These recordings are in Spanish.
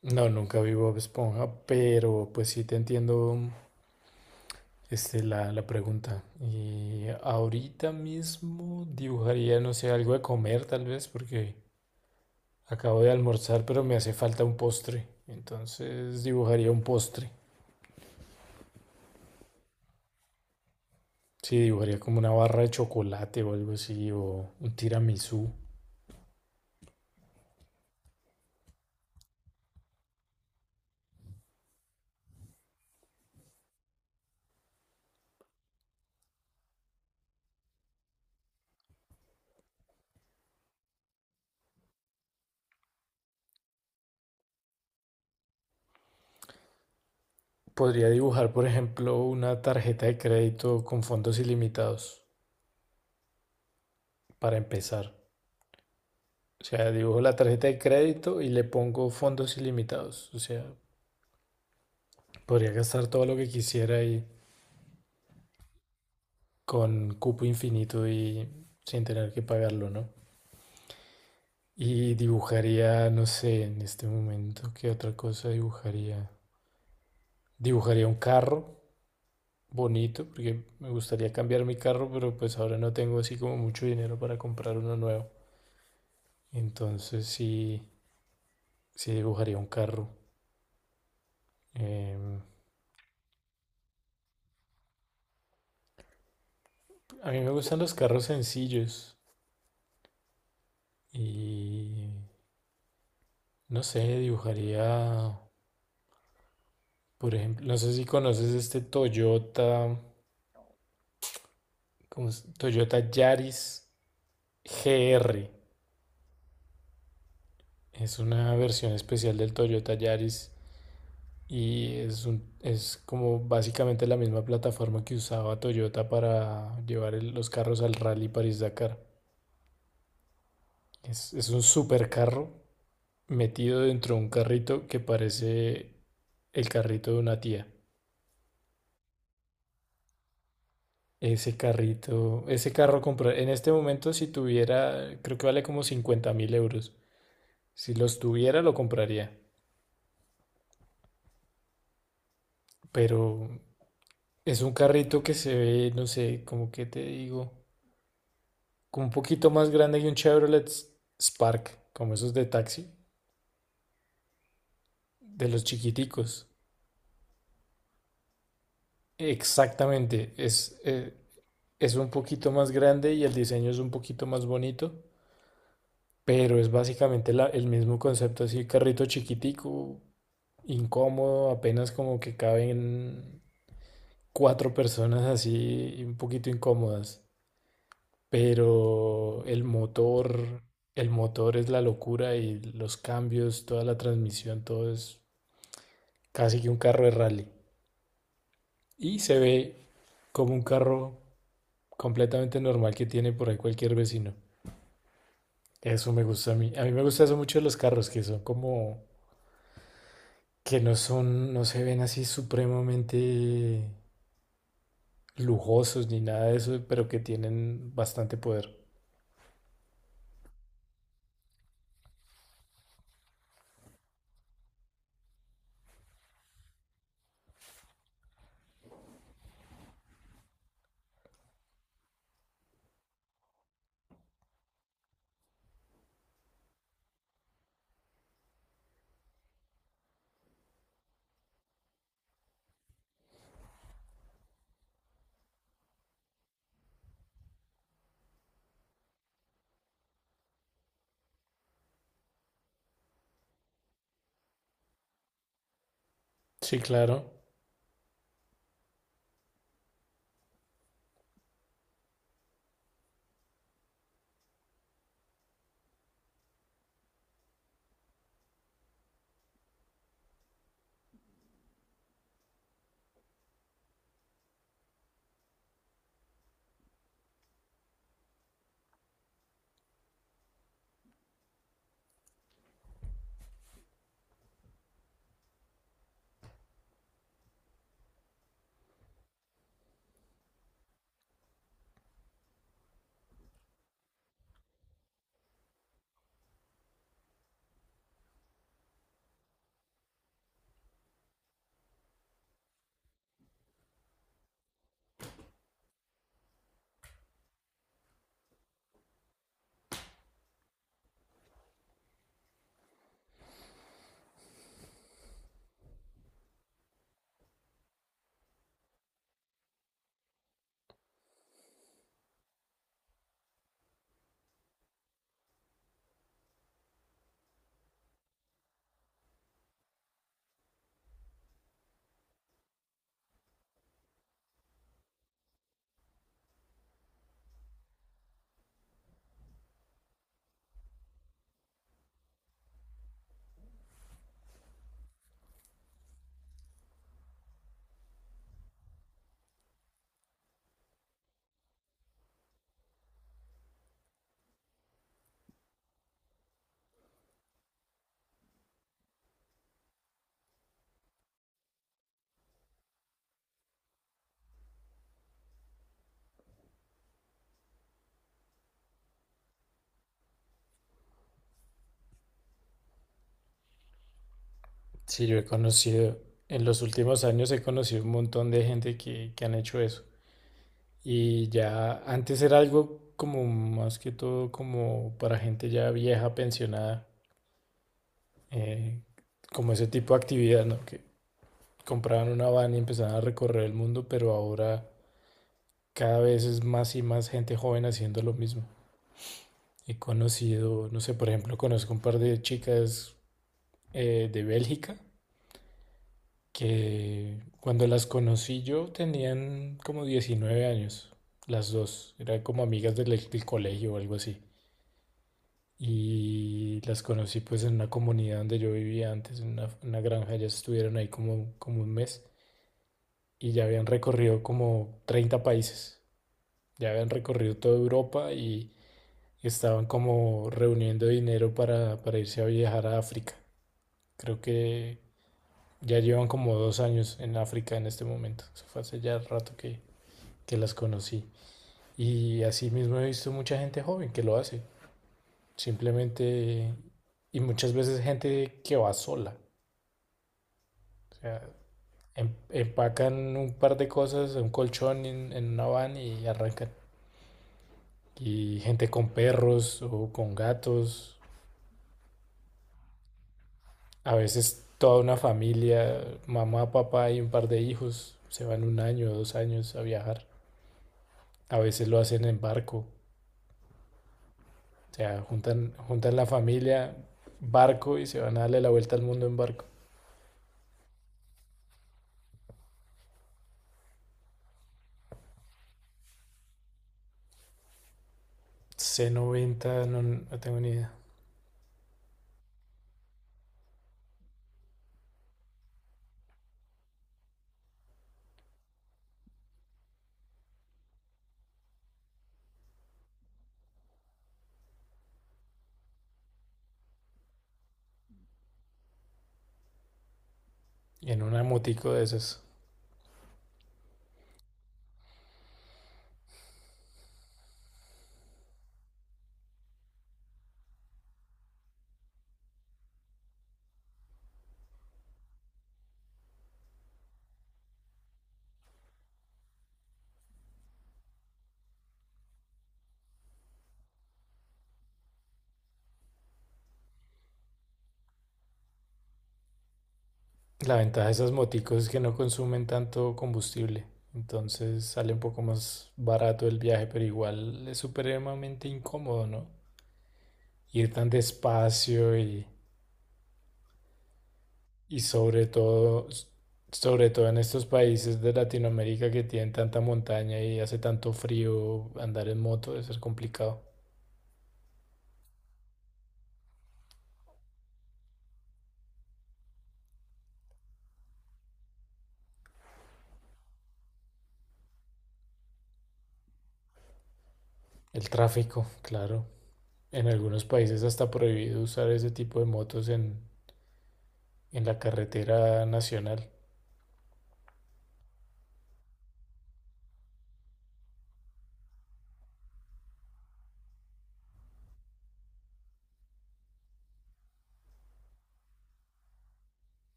No, nunca vi Bob Esponja, pero pues sí te entiendo la pregunta. Y ahorita mismo dibujaría, no sé, algo de comer tal vez, porque acabo de almorzar, pero me hace falta un postre. Entonces dibujaría un postre. Sí, dibujaría como una barra de chocolate o algo así, o un tiramisú. Podría dibujar, por ejemplo, una tarjeta de crédito con fondos ilimitados, para empezar. O sea, dibujo la tarjeta de crédito y le pongo fondos ilimitados. O sea, podría gastar todo lo que quisiera y con cupo infinito y sin tener que pagarlo, ¿no? Y dibujaría, no sé, en este momento, ¿qué otra cosa dibujaría? Dibujaría un carro bonito, porque me gustaría cambiar mi carro, pero pues ahora no tengo así como mucho dinero para comprar uno nuevo. Entonces sí, sí dibujaría un carro. Em, a mí me gustan los carros sencillos. Y no sé, dibujaría, por ejemplo, no sé si conoces este Toyota, ¿cómo es? Toyota Yaris GR. Es una versión especial del Toyota Yaris y es como básicamente la misma plataforma que usaba Toyota para llevar los carros al Rally París-Dakar. Es un supercarro metido dentro de un carrito que parece el carrito de una tía. Ese carrito, ese carro comprar, en este momento si tuviera, creo que vale como 50.000 euros. Si los tuviera lo compraría, pero es un carrito que se ve, no sé, como que te digo, como un poquito más grande que un Chevrolet Spark, como esos de taxi, de los chiquiticos. Exactamente, es un poquito más grande y el diseño es un poquito más bonito. Pero es básicamente el mismo concepto, así carrito chiquitico, incómodo, apenas como que caben cuatro personas así, un poquito incómodas. Pero el motor es la locura y los cambios, toda la transmisión, todo es casi que un carro de rally. Y se ve como un carro completamente normal que tiene por ahí cualquier vecino. Eso me gusta a mí. A mí me gusta eso mucho de los carros, que son como que no son, no se ven así supremamente lujosos ni nada de eso, pero que tienen bastante poder. Sí, claro. Sí, yo he conocido, en los últimos años he conocido un montón de gente que han hecho eso. Y ya antes era algo como más que todo como para gente ya vieja, pensionada, eh, como ese tipo de actividad, ¿no? Que compraban una van y empezaban a recorrer el mundo, pero ahora cada vez es más y más gente joven haciendo lo mismo. He conocido, no sé, por ejemplo, conozco un par de chicas de Bélgica que cuando las conocí yo tenían como 19 años, las dos, eran como amigas del colegio o algo así. Y las conocí pues en una comunidad donde yo vivía antes, en una granja, ya estuvieron ahí como un mes y ya habían recorrido como 30 países, ya habían recorrido toda Europa y estaban como reuniendo dinero para irse a viajar a África. Creo que ya llevan como 2 años en África en este momento. Eso fue hace ya rato que las conocí. Y así mismo he visto mucha gente joven que lo hace. Simplemente, y muchas veces gente que va sola. O sea, empacan un par de cosas, un colchón en una van y arrancan. Y gente con perros o con gatos. A veces toda una familia, mamá, papá y un par de hijos, se van un año o 2 años a viajar. A veces lo hacen en barco. O sea, juntan la familia, barco y se van a darle la vuelta al mundo en barco. C90, no, no tengo ni idea. Y en una motico de esas. La ventaja de esas moticos es que no consumen tanto combustible. Entonces sale un poco más barato el viaje, pero igual es supremamente incómodo, ¿no? Ir tan despacio. Y sobre todo en estos países de Latinoamérica que tienen tanta montaña y hace tanto frío, andar en moto debe ser complicado. El tráfico, claro. En algunos países hasta prohibido usar ese tipo de motos en la carretera nacional.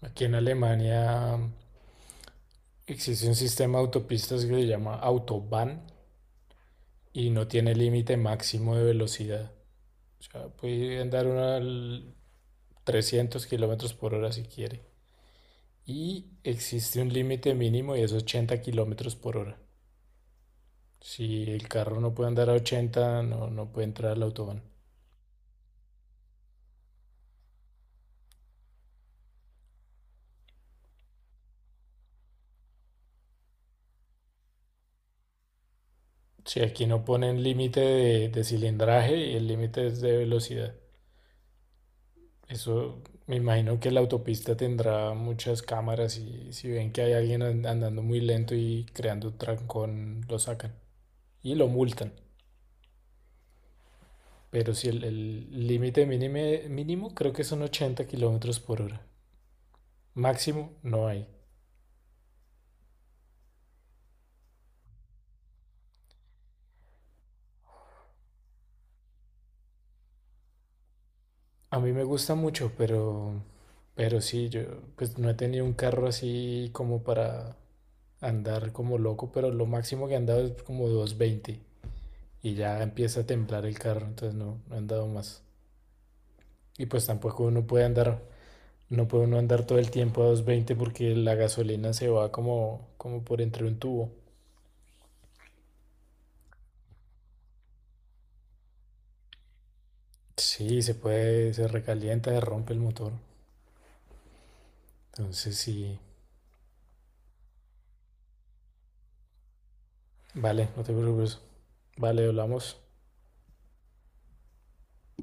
Aquí en Alemania existe un sistema de autopistas que se llama Autobahn y no tiene límite máximo de velocidad. O sea, puede andar uno al 300 kilómetros por hora si quiere. Y existe un límite mínimo y es 80 kilómetros por hora. Si el carro no puede andar a 80 no, no puede entrar al autobahn. Si aquí no ponen límite de cilindraje y el límite es de velocidad. Eso me imagino que la autopista tendrá muchas cámaras y si ven que hay alguien andando muy lento y creando trancón, lo sacan y lo multan. Pero si el límite mínimo creo que son 80 kilómetros por hora. Máximo no hay. A mí me gusta mucho, pero sí, yo pues no he tenido un carro así como para andar como loco, pero lo máximo que he andado es como 220 y ya empieza a temblar el carro, entonces no, no he andado más. Y pues tampoco uno puede andar, no puede uno andar todo el tiempo a 220 porque la gasolina se va como por entre un tubo. Sí, se puede, se recalienta, se rompe el motor. Entonces sí, vale, no te preocupes. Vale, hablamos.